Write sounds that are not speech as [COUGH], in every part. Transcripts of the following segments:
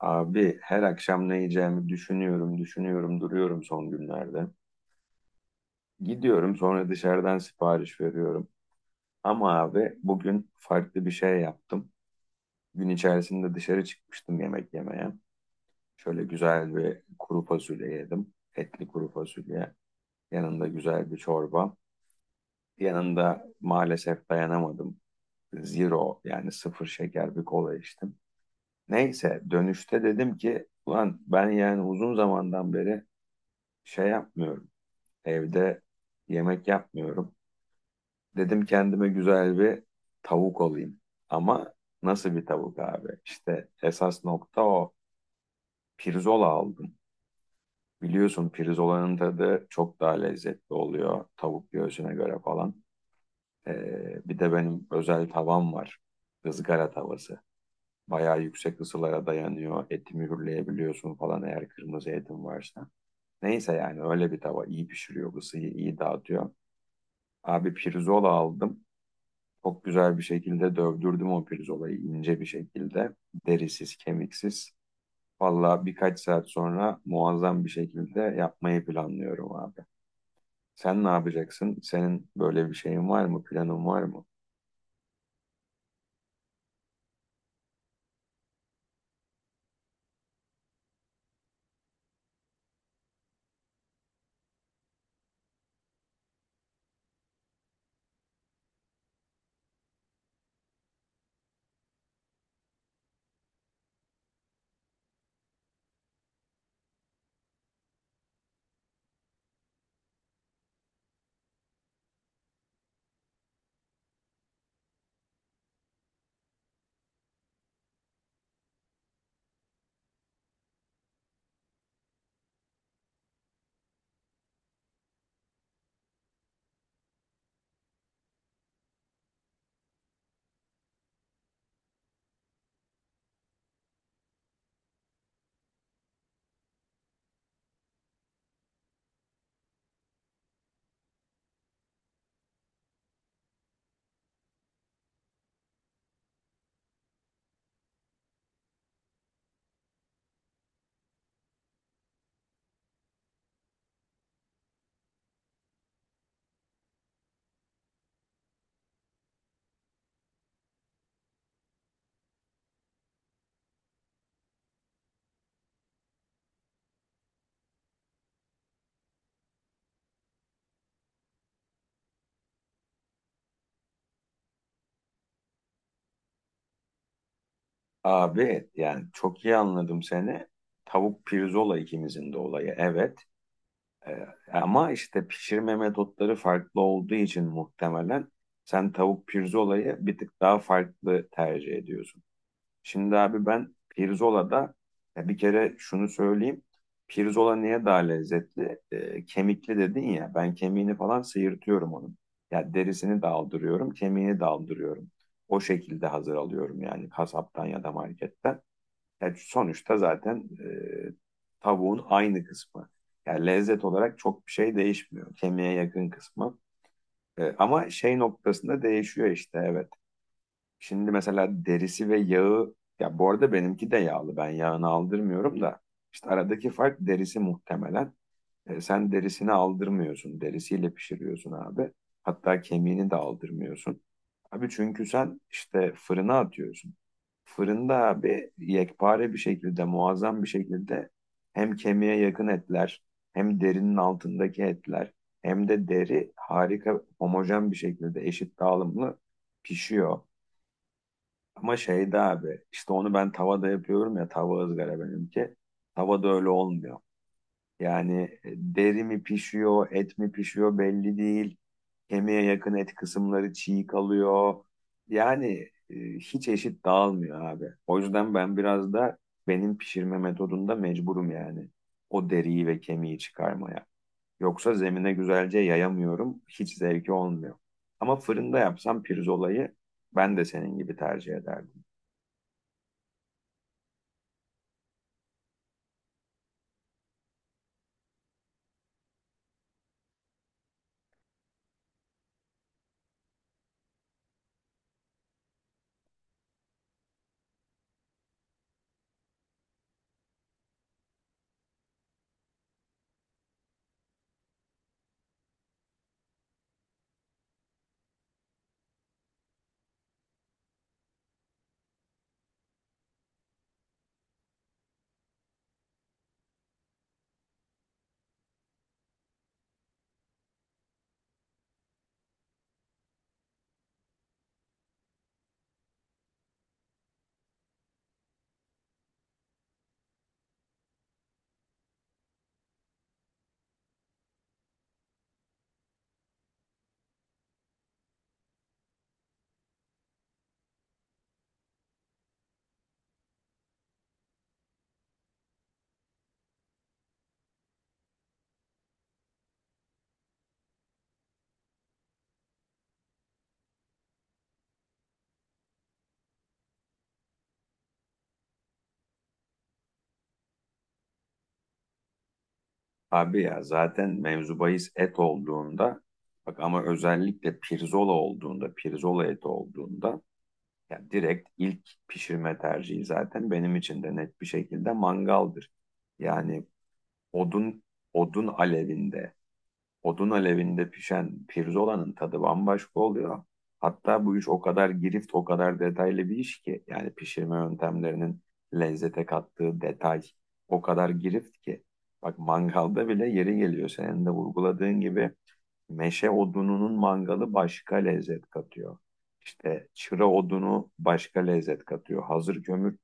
Abi her akşam ne yiyeceğimi düşünüyorum, düşünüyorum, duruyorum son günlerde. Gidiyorum sonra dışarıdan sipariş veriyorum. Ama abi bugün farklı bir şey yaptım. Gün içerisinde dışarı çıkmıştım yemek yemeye. Şöyle güzel bir kuru fasulye yedim. Etli kuru fasulye. Yanında güzel bir çorba. Yanında maalesef dayanamadım. Zero yani sıfır şeker bir kola içtim. Neyse dönüşte dedim ki ulan ben yani uzun zamandan beri şey yapmıyorum. Evde yemek yapmıyorum. Dedim kendime güzel bir tavuk alayım. Ama nasıl bir tavuk abi? İşte esas nokta o. Pirzola aldım. Biliyorsun pirzolanın tadı çok daha lezzetli oluyor tavuk göğsüne göre falan. Bir de benim özel tavam var. Izgara tavası. Bayağı yüksek ısılara dayanıyor. Eti mühürleyebiliyorsun falan eğer kırmızı etin varsa. Neyse yani öyle bir tava iyi pişiriyor, ısıyı iyi dağıtıyor. Abi pirzola aldım. Çok güzel bir şekilde dövdürdüm o pirzolayı ince bir şekilde. Derisiz, kemiksiz. Valla birkaç saat sonra muazzam bir şekilde yapmayı planlıyorum abi. Sen ne yapacaksın? Senin böyle bir şeyin var mı? Planın var mı? Abi yani çok iyi anladım seni. Tavuk pirzola ikimizin de olayı evet. Ee, Ama işte pişirme metotları farklı olduğu için muhtemelen sen tavuk pirzolayı bir tık daha farklı tercih ediyorsun. Şimdi abi ben Pirzola'da ya bir kere şunu söyleyeyim. Pirzola niye daha lezzetli? Kemikli dedin ya. Ben kemiğini falan sıyırtıyorum onun. Ya derisini de aldırıyorum, kemiğini de aldırıyorum. O şekilde hazır alıyorum yani kasaptan ya da marketten. Ya sonuçta zaten e, tavuğun aynı kısmı. Yani lezzet olarak çok bir şey değişmiyor. Kemiğe yakın kısmı. Ama şey noktasında değişiyor işte evet. Şimdi mesela derisi ve yağı ya bu arada benimki de yağlı ben yağını aldırmıyorum da işte aradaki fark derisi muhtemelen. E, sen derisini aldırmıyorsun derisiyle pişiriyorsun abi. Hatta kemiğini de aldırmıyorsun. Abi çünkü sen işte fırına atıyorsun. Fırında abi yekpare bir şekilde muazzam bir şekilde hem kemiğe yakın etler hem derinin altındaki etler hem de deri harika homojen bir şekilde eşit dağılımlı pişiyor. Ama şeyde abi işte onu ben tavada yapıyorum ya tava ızgara benimki. Tavada öyle olmuyor. Yani deri mi pişiyor, et mi pişiyor belli değil. Kemiğe yakın et kısımları çiğ kalıyor. Yani hiç eşit dağılmıyor abi. O yüzden ben biraz da benim pişirme metodunda mecburum yani. O deriyi ve kemiği çıkarmaya. Yoksa zemine güzelce yayamıyorum. Hiç zevki olmuyor. Ama fırında yapsam pirzolayı ben de senin gibi tercih ederdim. Abi ya zaten mevzu bahis et olduğunda bak ama özellikle pirzola olduğunda pirzola eti olduğunda ya direkt ilk pişirme tercihi zaten benim için de net bir şekilde mangaldır. Yani odun odun alevinde odun alevinde pişen pirzolanın tadı bambaşka oluyor. Hatta bu iş o kadar girift, o kadar detaylı bir iş ki yani pişirme yöntemlerinin lezzete kattığı detay o kadar girift ki. Bak mangalda bile yeri geliyor. Senin de vurguladığın gibi meşe odununun mangalı başka lezzet katıyor. İşte çıra odunu başka lezzet katıyor. Hazır kömür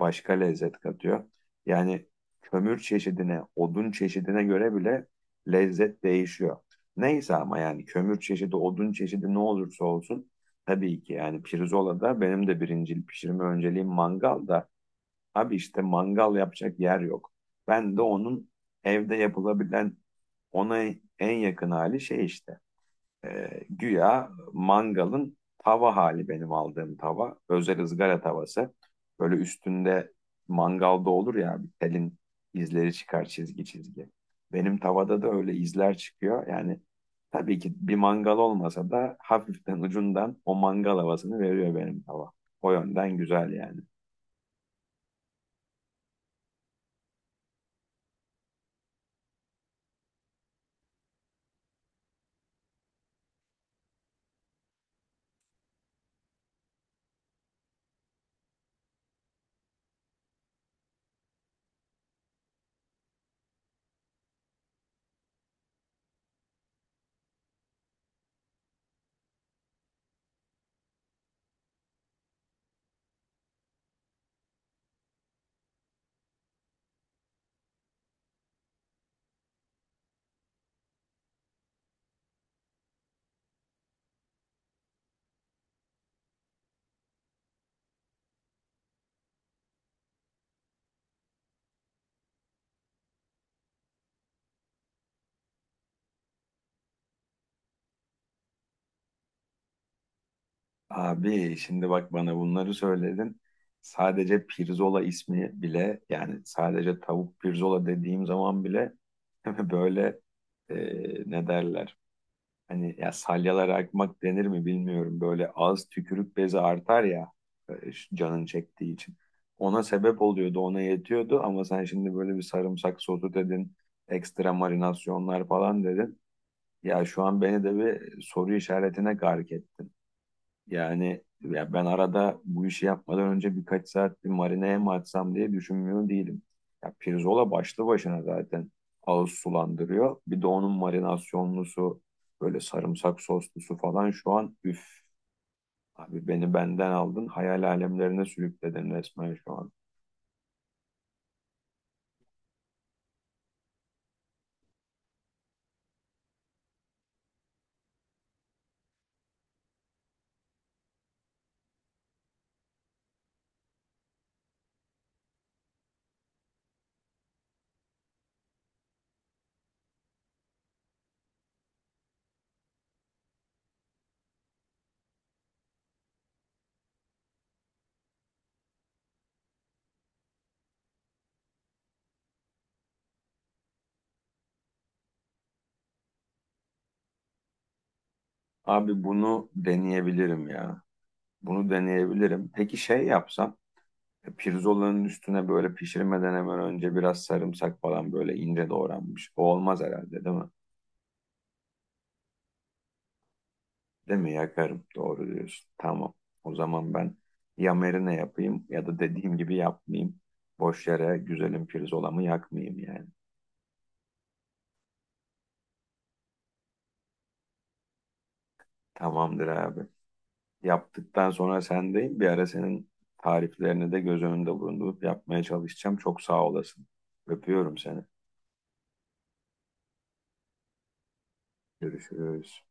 başka lezzet katıyor. Yani kömür çeşidine, odun çeşidine göre bile lezzet değişiyor. Neyse ama yani kömür çeşidi, odun çeşidi ne olursa olsun tabii ki yani pirzolada benim de birincil pişirme önceliğim mangal da abi işte mangal yapacak yer yok. Ben de onun evde yapılabilen ona en yakın hali şey işte. Güya mangalın tava hali benim aldığım tava. Özel ızgara tavası. Böyle üstünde mangalda olur ya bir telin izleri çıkar çizgi çizgi. Benim tavada da öyle izler çıkıyor. Yani tabii ki bir mangal olmasa da hafiften ucundan o mangal havasını veriyor benim tava. O yönden güzel yani. Abi şimdi bak bana bunları söyledin. Sadece pirzola ismi bile yani sadece tavuk pirzola dediğim zaman bile [LAUGHS] böyle e, ne derler? Hani ya salyalar akmak denir mi bilmiyorum. Böyle ağız tükürük bezi artar ya şu canın çektiği için. Ona sebep oluyordu, ona yetiyordu ama sen şimdi böyle bir sarımsak sosu dedin, ekstra marinasyonlar falan dedin. Ya şu an beni de bir soru işaretine gark ettin. Yani ya ben arada bu işi yapmadan önce birkaç saat bir marineye mi atsam diye düşünmüyor değilim. Ya pirzola başlı başına zaten ağız sulandırıyor. Bir de onun marinasyonlusu böyle sarımsak soslusu falan şu an üf. Abi beni benden aldın hayal alemlerine sürükledin resmen şu an. Abi bunu deneyebilirim ya. Bunu deneyebilirim. Peki şey yapsam pirzolanın üstüne böyle pişirmeden hemen önce biraz sarımsak falan böyle ince doğranmış. O olmaz herhalde değil mi? Değil mi? Yakarım. Doğru diyorsun. Tamam. O zaman ben ya marine yapayım ya da dediğim gibi yapmayayım. Boş yere güzelim pirzolamı yakmayayım yani. Tamamdır abi. Yaptıktan sonra sendeyim. Bir ara senin tariflerini de göz önünde bulundurup yapmaya çalışacağım. Çok sağ olasın. Öpüyorum seni. Görüşürüz.